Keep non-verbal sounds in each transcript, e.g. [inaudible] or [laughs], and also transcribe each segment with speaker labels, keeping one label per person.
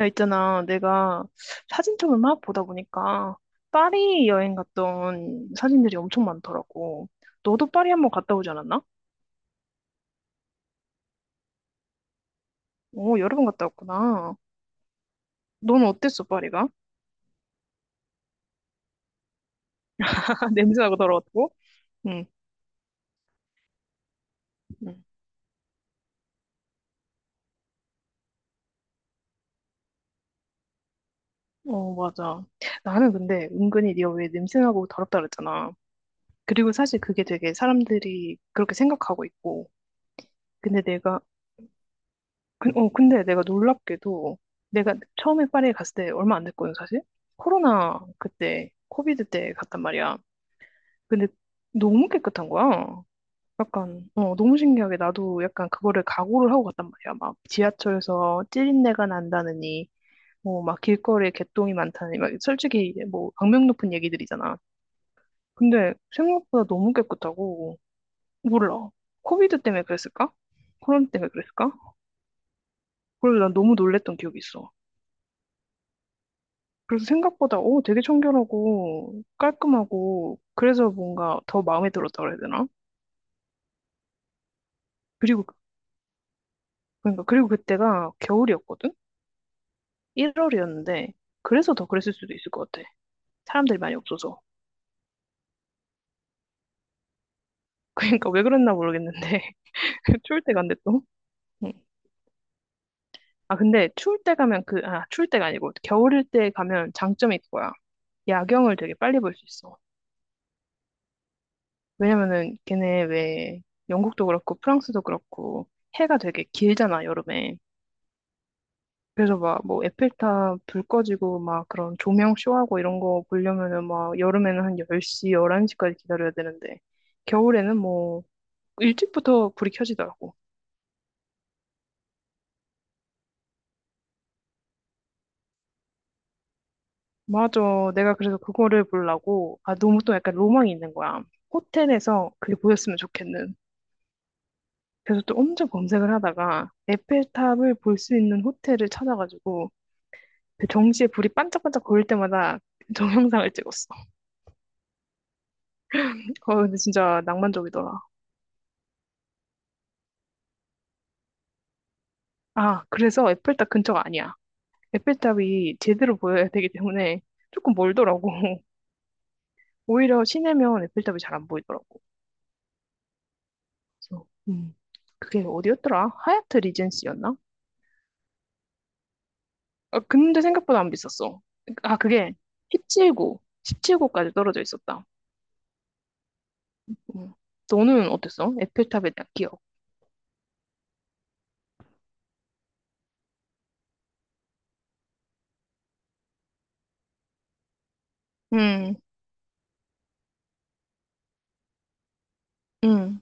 Speaker 1: 야, 있잖아. 내가 사진첩을 막 보다 보니까 파리 여행 갔던 사진들이 엄청 많더라고. 너도 파리 한 번 갔다 오지 않았나? 오, 여러 번 갔다 왔구나. 넌 어땠어, 파리가? [laughs] 냄새나고 더러웠고? 응, 응. 어, 맞아. 나는 근데 은근히 네가 왜 냄새나고 더럽다 그랬잖아. 그리고 사실 그게 되게 사람들이 그렇게 생각하고 있고. 근데 내가 근데 내가 놀랍게도 내가 처음에 파리에 갔을 때 얼마 안 됐거든, 사실. 코비드 때 갔단 말이야. 근데 너무 깨끗한 거야. 약간, 어, 너무 신기하게 나도 약간 그거를 각오를 하고 갔단 말이야. 막 지하철에서 찌린내가 난다느니, 뭐 막 길거리에 개똥이 많다느니, 막 솔직히 뭐 악명 높은 얘기들이잖아. 근데 생각보다 너무 깨끗하고, 몰라. 코비드 때문에 그랬을까? 코로나 때문에 그랬을까? 그래서 난 너무 놀랬던 기억이 있어. 그래서 생각보다 오, 되게 청결하고 깔끔하고 그래서 뭔가 더 마음에 들었다고 해야 되나? 그리고 그러니까 그리고 그때가 겨울이었거든? 1월이었는데 그래서 더 그랬을 수도 있을 것 같아. 사람들이 많이 없어서. [laughs] 그러니까 왜 그랬나 모르겠는데 [laughs] 추울 때 간대 또. 응. 아 근데 추울 때 가면 추울 때가 아니고 겨울일 때 가면 장점이 그거야. 야경을 되게 빨리 볼 수 있어. 왜냐면은 걔네 왜 영국도 그렇고 프랑스도 그렇고 해가 되게 길잖아 여름에. 그래서 막 뭐 에펠탑 불 꺼지고 막 그런 조명 쇼하고 이런 거 보려면은 막 여름에는 한 10시, 11시까지 기다려야 되는데 겨울에는 뭐 일찍부터 불이 켜지더라고. 맞아. 내가 그래서 그거를 보려고 아 너무 또 약간 로망이 있는 거야. 호텔에서 그게 보였으면 좋겠는. 그래서 또 엄청 검색을 하다가 에펠탑을 볼 수 있는 호텔을 찾아가지고 그 정시에 불이 반짝반짝 보일 때마다 그 동영상을 찍었어. [laughs] 어, 근데 진짜 낭만적이더라. 아, 그래서 에펠탑 근처가 아니야. 에펠탑이 제대로 보여야 되기 때문에 조금 멀더라고. [laughs] 오히려 시내면 에펠탑이 잘 안 보이더라고. 그래서, 그게 어디였더라? 하얏트 리젠시였나? 아, 근데 생각보다 안 비쌌어. 아, 그게 17구까지 떨어져 있었다. 음. 너는 어땠어? 에펠탑에 대한 기억. 음, 음,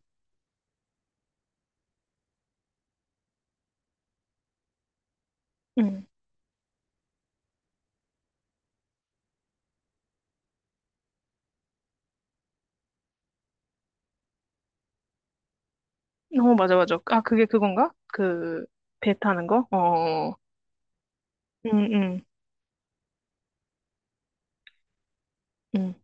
Speaker 1: 음. 어, 맞아, 맞아. 아, 그게 그건가? 그, 배 타는 거? 어, 음, 음, 음.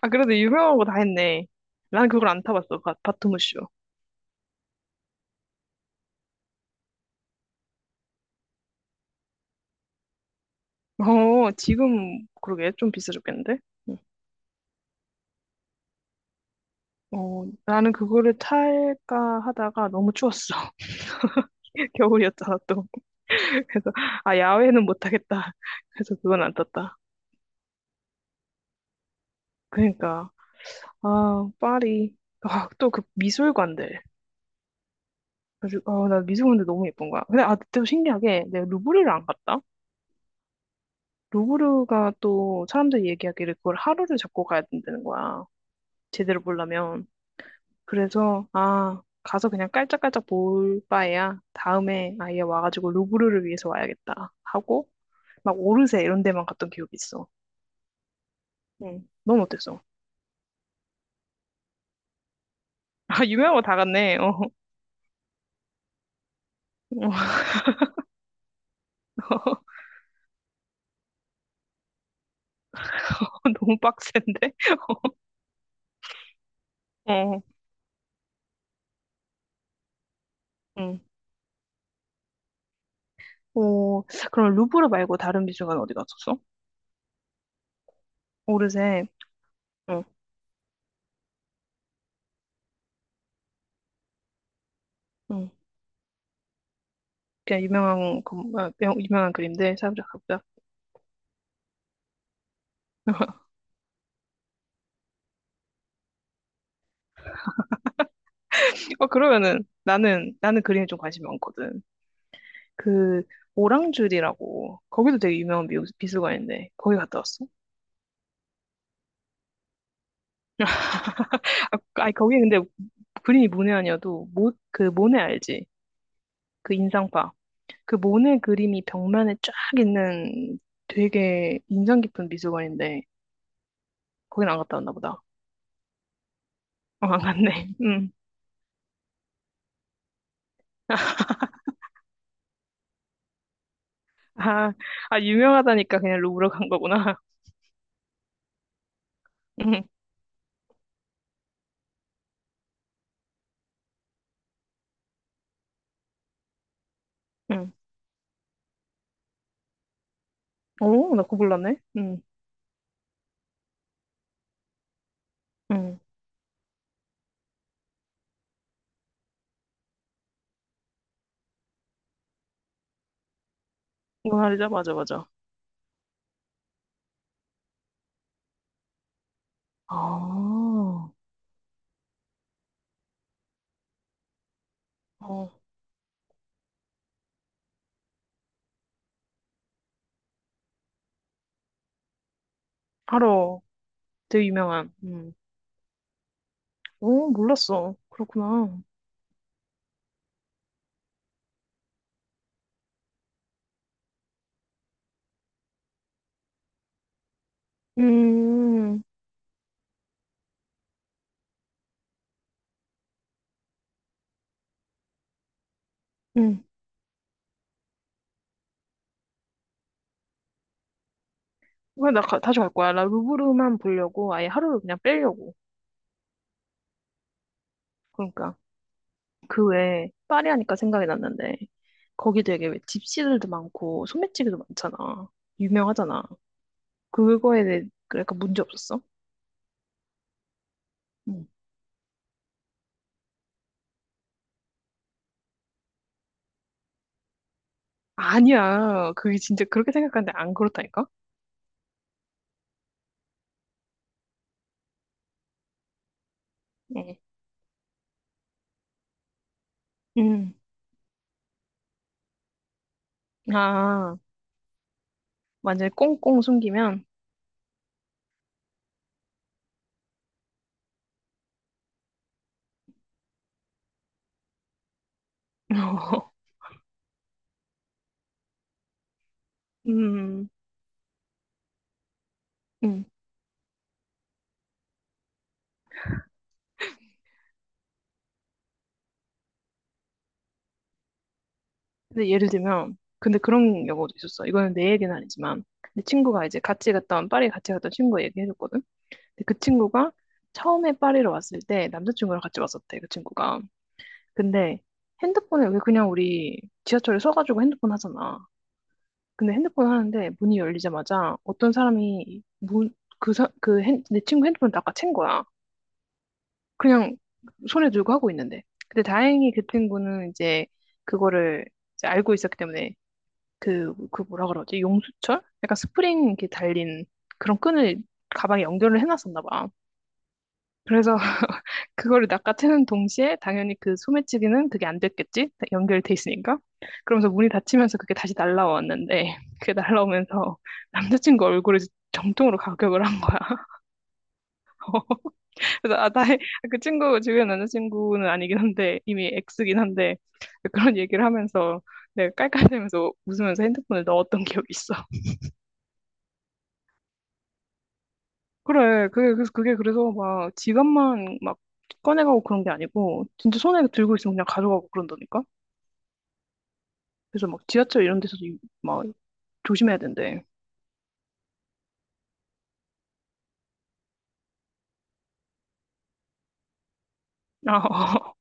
Speaker 1: 아, 그래도 유명한 거 다 했네. 난 그걸 안 타봤어, 바토무쇼. 어, 지금 그러게 좀 비싸졌겠는데? 응. 어, 나는 그거를 탈까 하다가 너무 추웠어. [laughs] 겨울이었잖아, 또. 그래서, 아, 야외는 못하겠다. [laughs] 그래서 그건 안 탔다. 그러니까, 아, 파리. 아, 또 그 미술관들. 그래서, 아, 나 미술관들 너무 예쁜 거야. 근데, 아, 또 신기하게 내가 루브르를 안 갔다? 루브르가 또 사람들이 얘기하기를 그걸 하루를 잡고 가야 된다는 거야. 제대로 보려면. 그래서 아 가서 그냥 깔짝깔짝 볼 바에야 다음에 아예 와가지고 루브르를 위해서 와야겠다 하고 막 오르세 이런 데만 갔던 기억이 있어. 응. 넌 어땠어? 아 유명한 거 다 갔네. 어. [laughs] 너무 빡센데. [laughs] 어. 응. 오 그럼 루브르 말고 다른 미술관 어디 갔었어? 오르세. 응. 응. 그냥 유명한 그, 아, 유명한 그림들 사부작 사부작. [laughs] 어 그러면은 나는 나는 그림에 좀 관심이 많거든. 그 오랑줄이라고 거기도 되게 유명한 미술관인데 거기 갔다 왔어? 아, 아니 거기 근데 그림이 모네 아니어도 모, 그 모네 알지? 그 인상파 그 모네 그림이 벽면에 쫙 있는 되게 인상 깊은 미술관인데 거긴 안 갔다 왔나 보다. 어, 안 갔네. 응. 아, 아 유명하다니까 그냥 루브르 간 거구나. [laughs] 응, 응. 오, 나 그거 몰랐네. 응, 응. 모나리자 맞아 맞아. 아, 어, 바로 되게 유명한. 음. 오, 몰랐어. 그렇구나. 음, 음. 그래, 나 가- 다시 갈 거야. 나 루브르만 보려고 아예 하루를 그냥 빼려고. 그러니까 그 외에 파리 하니까 생각이 났는데 거기 되게 왜 집시들도 많고 소매치기도 많잖아. 유명하잖아. 그거에 대해 그러니까 문제 없었어? 응. 아니야. 그게 진짜 그렇게 생각하는데 안 그렇다니까? 응. 음. 아, 완전히 꽁꽁 숨기면. [laughs] 음. 음. 근데 예를 들면, 근데 그런 경우도 있었어. 이거는 내 얘기는 아니지만, 내 친구가 이제 같이 갔던, 파리 같이 갔던 친구가 얘기해줬거든. 근데 그 친구가 처음에 파리로 왔을 때 남자친구랑 같이 왔었대, 그 친구가. 근데 핸드폰을 왜 그냥 우리 지하철에 서가지고 핸드폰 하잖아. 근데 핸드폰 하는데 문이 열리자마자 어떤 사람이 문, 그, 사, 그 핸, 내 친구 핸드폰을 다아챈 거야. 그냥 손에 들고 하고 있는데. 근데 다행히 그 친구는 이제 그거를 이제 알고 있었기 때문에 그, 그 뭐라 그러지? 용수철? 약간 스프링 이렇게 달린 그런 끈을 가방에 연결을 해놨었나 봐. 그래서 [laughs] 그거를 낚아채는 동시에 당연히 그 소매치기는 그게 안 됐겠지? 연결돼 있으니까. 그러면서 문이 닫히면서 그게 다시 날라왔는데 [laughs] 그게 날라오면서 남자친구 얼굴을 정통으로 가격을 한 거야. [laughs] 그래서 아, 나의 아, 그 친구 주변 남자친구는 아니긴 한데 이미 X긴 한데 그런 얘기를 하면서 내가 깔깔대면서 웃으면서 핸드폰을 넣었던 기억이 있어. 그래, 그게, 그래서 그게 그래서 막 지갑만 막 꺼내가고 그런 게 아니고, 진짜 손에 들고 있으면 그냥 가져가고 그런다니까? 그래서 막 지하철 이런 데서도 막 조심해야 된대. 아, 어.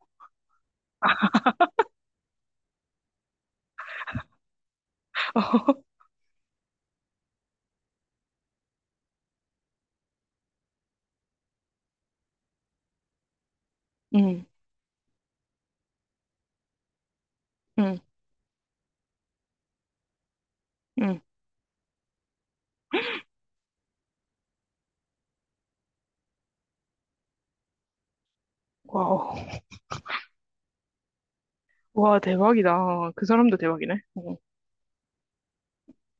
Speaker 1: [laughs] 응, 응, 응. 와우. 와, 대박이다. 그 사람도 대박이네. 응,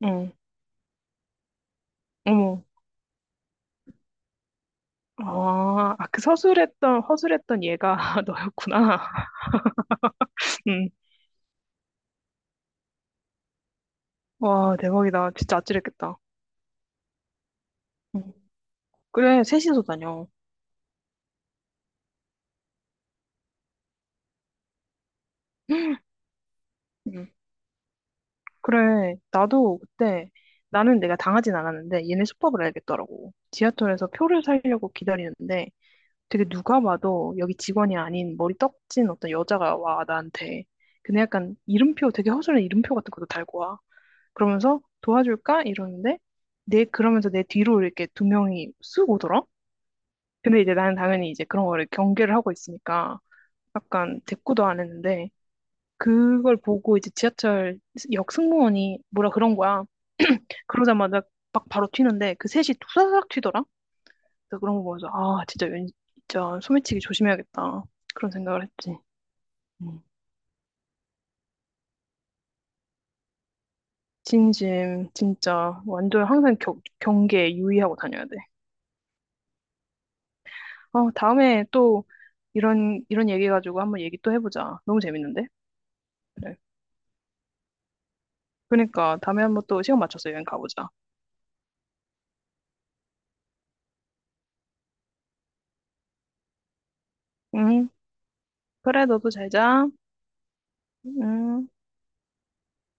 Speaker 1: 응, 어머. 아, 아, 그 허술했던 얘가 [laughs] 너였구나. [laughs] 응. 와, 대박이다. 진짜 아찔했겠다. 응. 그래, 셋이서 다녀. [gasps] [laughs] 그래, 나도 그때, 나는 내가 당하진 않았는데, 얘네 수법을 알겠더라고. 지하철에서 표를 사려고 기다리는데, 되게 누가 봐도 여기 직원이 아닌 머리 떡진 어떤 여자가 와, 나한테. 근데 약간 이름표, 되게 허술한 이름표 같은 것도 달고 와. 그러면서 도와줄까? 이러는데, 내, 그러면서 내 뒤로 이렇게 두 명이 쑥 오더라? 근데 이제 나는 당연히 이제 그런 거를 경계를 하고 있으니까, 약간 대꾸도 안 했는데, 그걸 보고 이제 지하철 역 승무원이 뭐라 그런 거야. 그러자마자 막 바로 튀는데 그 셋이 투사삭 튀더라. 그래서 그런 거 보면서 아 진짜 왠 진짜 소매치기 조심해야겠다 그런 생각을 했지. 음. 진심 진짜 완전 항상 경계에 유의하고 다녀야 돼. 어 다음에 또 이런 이런 얘기 가지고 한번 얘기 또 해보자. 너무 재밌는데? 그래. 그러니까 다음에 한번 또 시간 맞춰서 여행 가보자. 응. 그래 너도 잘 자. 응.